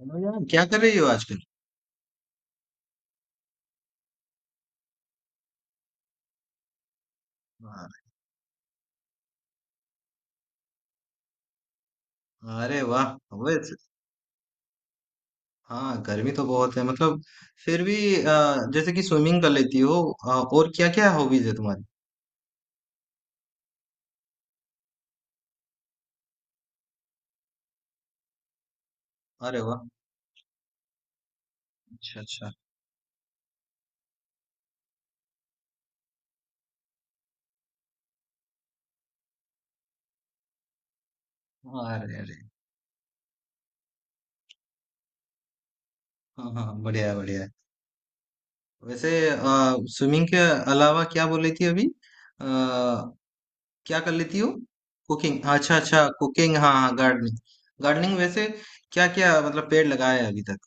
Hello यार, क्या कर रही हो आजकल। वाह, अरे वाह। अवैध। हाँ, गर्मी तो बहुत है मतलब। फिर भी जैसे कि स्विमिंग कर लेती हो। और क्या क्या हॉबीज है तुम्हारी। अरे वाह। अच्छा अच्छा। हाँ, अरे अरे। हाँ हाँ बढ़िया है, बढ़िया है। वैसे स्विमिंग के अलावा क्या बोल रही थी अभी क्या कर लेती हो। कुकिंग, अच्छा अच्छा कुकिंग, हाँ हाँ गार्डनिंग। गार्डनिंग वैसे क्या क्या, मतलब पेड़ लगाया है अभी तक।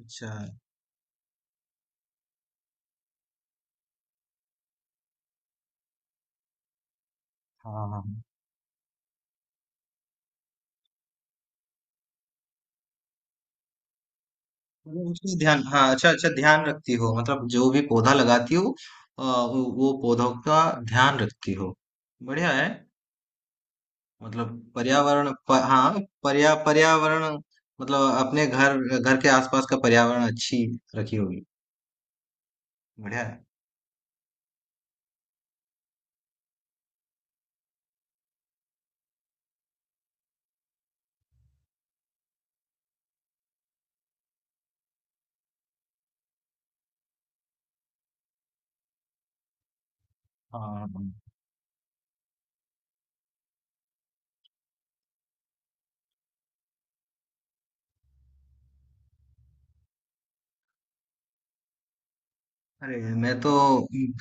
अच्छा। हाँ हाँ, मतलब उसमें ध्यान, हाँ अच्छा अच्छा, ध्यान रखती हो मतलब जो भी पौधा लगाती हो। वो पौधों का ध्यान रखती हो। बढ़िया है। मतलब पर्यावरण हाँ पर्यावरण। मतलब अपने घर घर के आसपास का पर्यावरण अच्छी रखी होगी। बढ़िया है। हाँ हाँ। अरे, मैं तो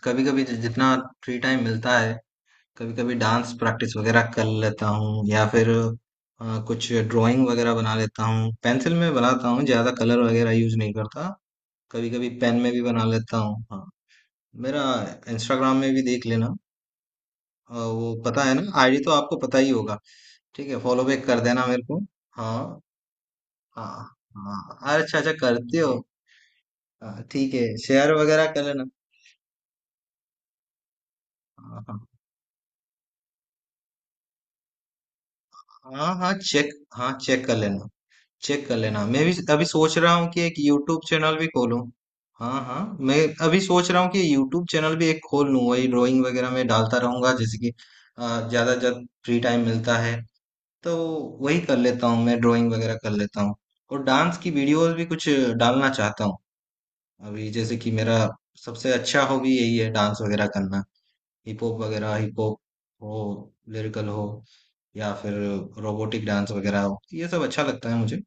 कभी कभी जितना फ्री टाइम मिलता है, कभी कभी डांस प्रैक्टिस वगैरह कर लेता हूँ, या फिर कुछ ड्राइंग वगैरह बना लेता हूँ। पेंसिल में बनाता हूँ, ज्यादा कलर वगैरह यूज नहीं करता। कभी कभी पेन में भी बना लेता हूँ, हाँ। मेरा इंस्टाग्राम में भी देख लेना। वो पता है ना, आईडी तो आपको पता ही होगा। ठीक है, फॉलो बैक कर देना मेरे को। हाँ हाँ। हाँ, अरे अच्छा अच्छा करते हो। हाँ, ठीक है, शेयर वगैरह कर लेना। हाँ हाँ। हाँ हाँ चेक, हाँ चेक कर लेना, चेक कर लेना। मैं भी अभी सोच रहा हूँ कि एक यूट्यूब चैनल भी खोलूँ। हाँ हाँ। मैं अभी सोच रहा हूँ कि यूट्यूब चैनल भी एक खोल लूँ, वही ड्राइंग वगैरह में डालता रहूंगा। जैसे कि ज्यादा जब फ्री टाइम मिलता है तो वही कर लेता हूँ, मैं ड्राइंग वगैरह कर लेता हूँ। और डांस की वीडियोस भी कुछ डालना चाहता हूँ। अभी जैसे कि मेरा सबसे अच्छा हॉबी यही है, डांस वगैरह करना। हिप हॉप वगैरह, हिप हॉप हो, लिरिकल हो, या फिर रोबोटिक डांस वगैरह हो, ये सब अच्छा लगता है मुझे।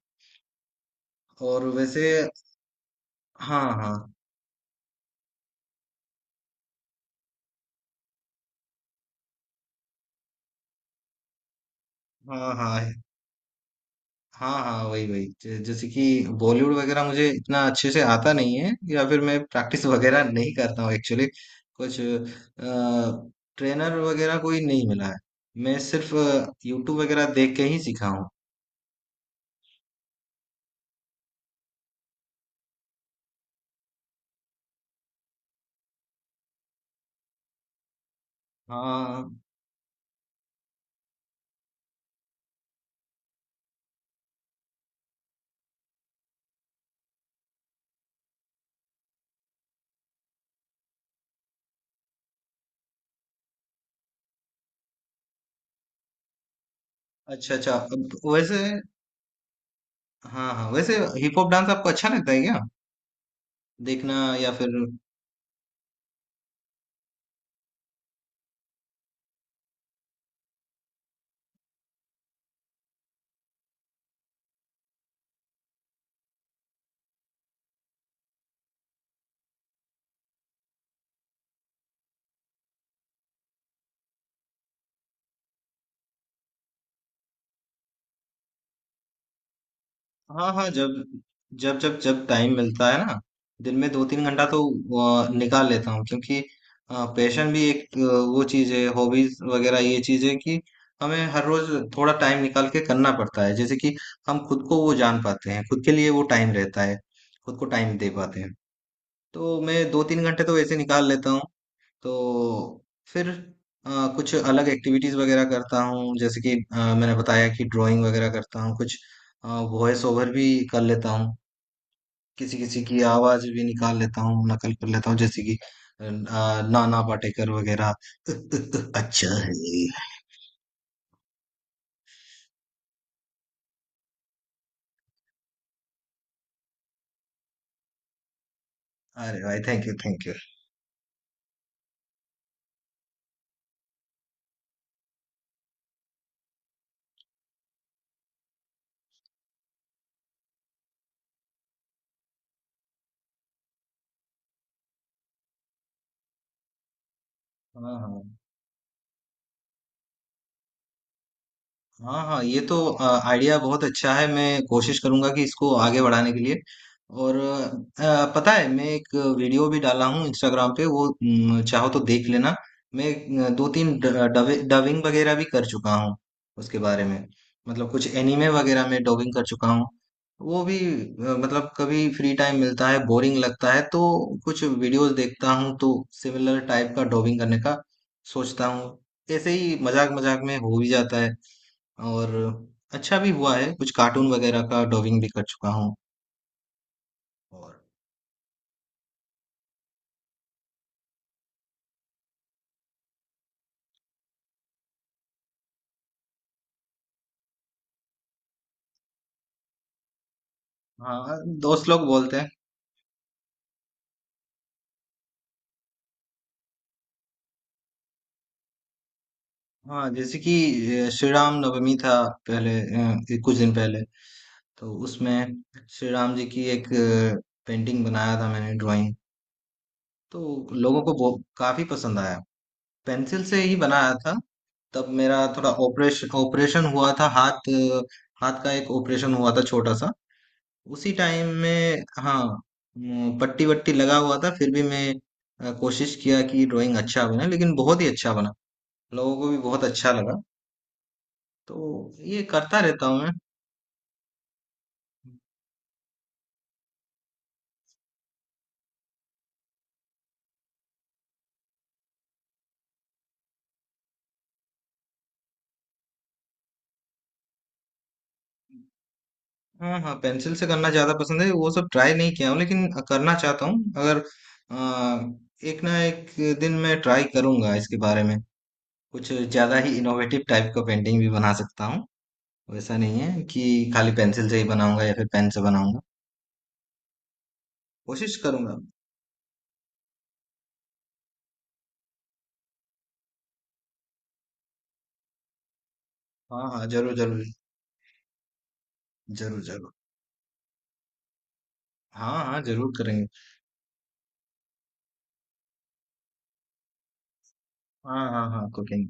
और वैसे, हाँ हाँ। हाँ हाँ। हाँ हाँ वही वही जैसे कि बॉलीवुड वगैरह मुझे इतना अच्छे से आता नहीं है, या फिर मैं प्रैक्टिस वगैरह नहीं करता हूँ एक्चुअली। कुछ ट्रेनर वगैरह कोई नहीं मिला है, मैं सिर्फ यूट्यूब वगैरह देख के ही सीखा हूँ। हाँ अच्छा अच्छा अब वैसे, हाँ हाँ वैसे हिप हॉप डांस आपको अच्छा लगता है क्या? देखना, या फिर, हाँ हाँ जब जब टाइम मिलता है ना, दिन में 2-3 घंटा तो निकाल लेता हूँ, क्योंकि पैशन भी एक वो चीज है, हॉबीज वगैरह ये चीज है कि हमें हर रोज थोड़ा टाइम निकाल के करना पड़ता है। जैसे कि हम खुद को वो जान पाते हैं, खुद के लिए वो टाइम रहता है, खुद को टाइम दे पाते हैं। तो मैं 2-3 घंटे तो ऐसे निकाल लेता हूँ। तो फिर अ, कुछ अलग एक्टिविटीज वगैरह करता हूँ, जैसे कि मैंने बताया कि ड्राइंग वगैरह करता हूँ, कुछ वॉइस ओवर भी कर लेता हूँ। किसी किसी की आवाज भी निकाल लेता हूँ, नकल कर लेता हूँ, जैसे कि अ, नाना पाटेकर वगैरह। अच्छा है। अरे भाई, थैंक यू, थैंक यू। हाँ हाँ। हाँ हाँ ये तो आइडिया बहुत अच्छा है, मैं कोशिश करूंगा कि इसको आगे बढ़ाने के लिए। और पता है, मैं एक वीडियो भी डाला हूँ इंस्टाग्राम पे, वो चाहो तो देख लेना। मैं 2-3 डबिंग वगैरह भी कर चुका हूँ उसके बारे में। मतलब कुछ एनिमे वगैरह में डबिंग कर चुका हूँ। वो भी मतलब कभी फ्री टाइम मिलता है, बोरिंग लगता है तो कुछ वीडियोस देखता हूँ, तो सिमिलर टाइप का डबिंग करने का सोचता हूँ। ऐसे ही मजाक मजाक में हो भी जाता है। और अच्छा भी हुआ है, कुछ कार्टून वगैरह का डबिंग भी कर चुका हूँ। और, हाँ दोस्त लोग बोलते हैं। हाँ, जैसे कि श्री राम नवमी था पहले, ये कुछ दिन पहले। तो उसमें श्री राम जी की एक पेंटिंग बनाया था मैंने, ड्राइंग। तो लोगों को बहुत काफी पसंद आया। पेंसिल से ही बनाया था। तब मेरा थोड़ा ऑपरेशन ऑपरेशन हुआ था, हाथ हाथ का एक ऑपरेशन हुआ था, छोटा सा, उसी टाइम में, हाँ। पट्टी वट्टी लगा हुआ था, फिर भी मैं कोशिश किया कि ड्राइंग अच्छा बने, लेकिन बहुत ही अच्छा बना। लोगों को भी बहुत अच्छा लगा। तो ये करता रहता हूँ मैं। हाँ हाँ, पेंसिल से करना ज्यादा पसंद है। वो सब ट्राई नहीं किया हूँ, लेकिन करना चाहता हूँ। अगर अ, एक ना एक दिन मैं ट्राई करूंगा इसके बारे में। कुछ ज्यादा ही इनोवेटिव टाइप का पेंटिंग भी बना सकता हूँ। वैसा नहीं है कि खाली पेंसिल से ही बनाऊंगा या फिर पेन से बनाऊंगा। कोशिश करूंगा। हाँ हाँ, जरूर जरूर। ज़रूर, ज़रूर। हाँ, हाँ, ज़रूर करेंगे। हाँ, हाँ, हाँ, कुकिंग।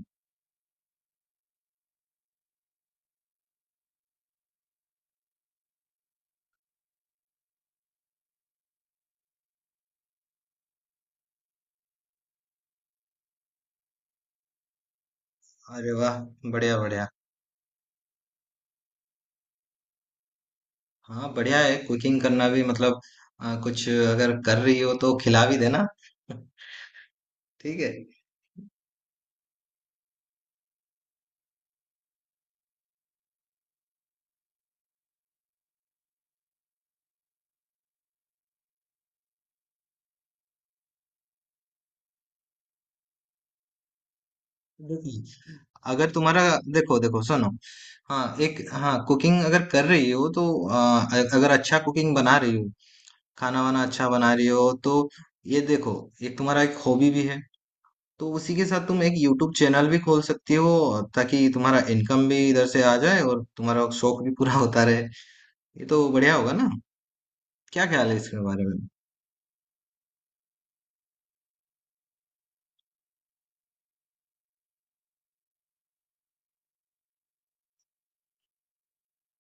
अरे वाह! बढ़िया, बढ़िया। हाँ, बढ़िया है कुकिंग करना भी मतलब कुछ अगर कर रही हो तो खिला भी देना। ठीक है? देखिए, अगर तुम्हारा, देखो, देखो सुनो। हाँ, एक हाँ, कुकिंग अगर कर रही हो तो अगर अच्छा कुकिंग बना रही हो, खाना-वाना अच्छा बना रही हो तो, ये देखो, एक तुम्हारा एक हॉबी भी है। तो उसी के साथ तुम एक यूट्यूब चैनल भी खोल सकती हो, ताकि तुम्हारा इनकम भी इधर से आ जाए और तुम्हारा शौक भी पूरा होता रहे। ये तो बढ़िया होगा ना। क्या ख्याल है इसके बारे में?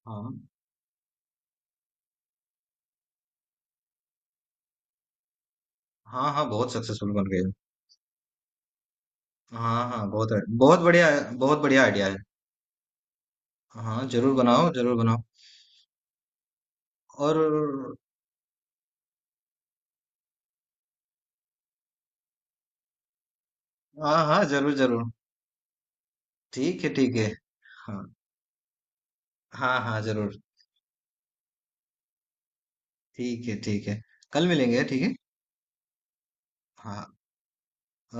हाँ हाँ, हाँ बहुत सक्सेसफुल बन गए हो। हाँ हाँ, बहुत बहुत बढ़िया, बहुत बढ़िया आइडिया है। हाँ, जरूर बनाओ, जरूर बनाओ। और, हाँ हाँ, जरूर जरूर, ठीक है ठीक है। हाँ हाँ, हाँ जरूर, ठीक है ठीक है, कल मिलेंगे, ठीक है। हाँ,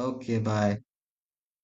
ओके बाय।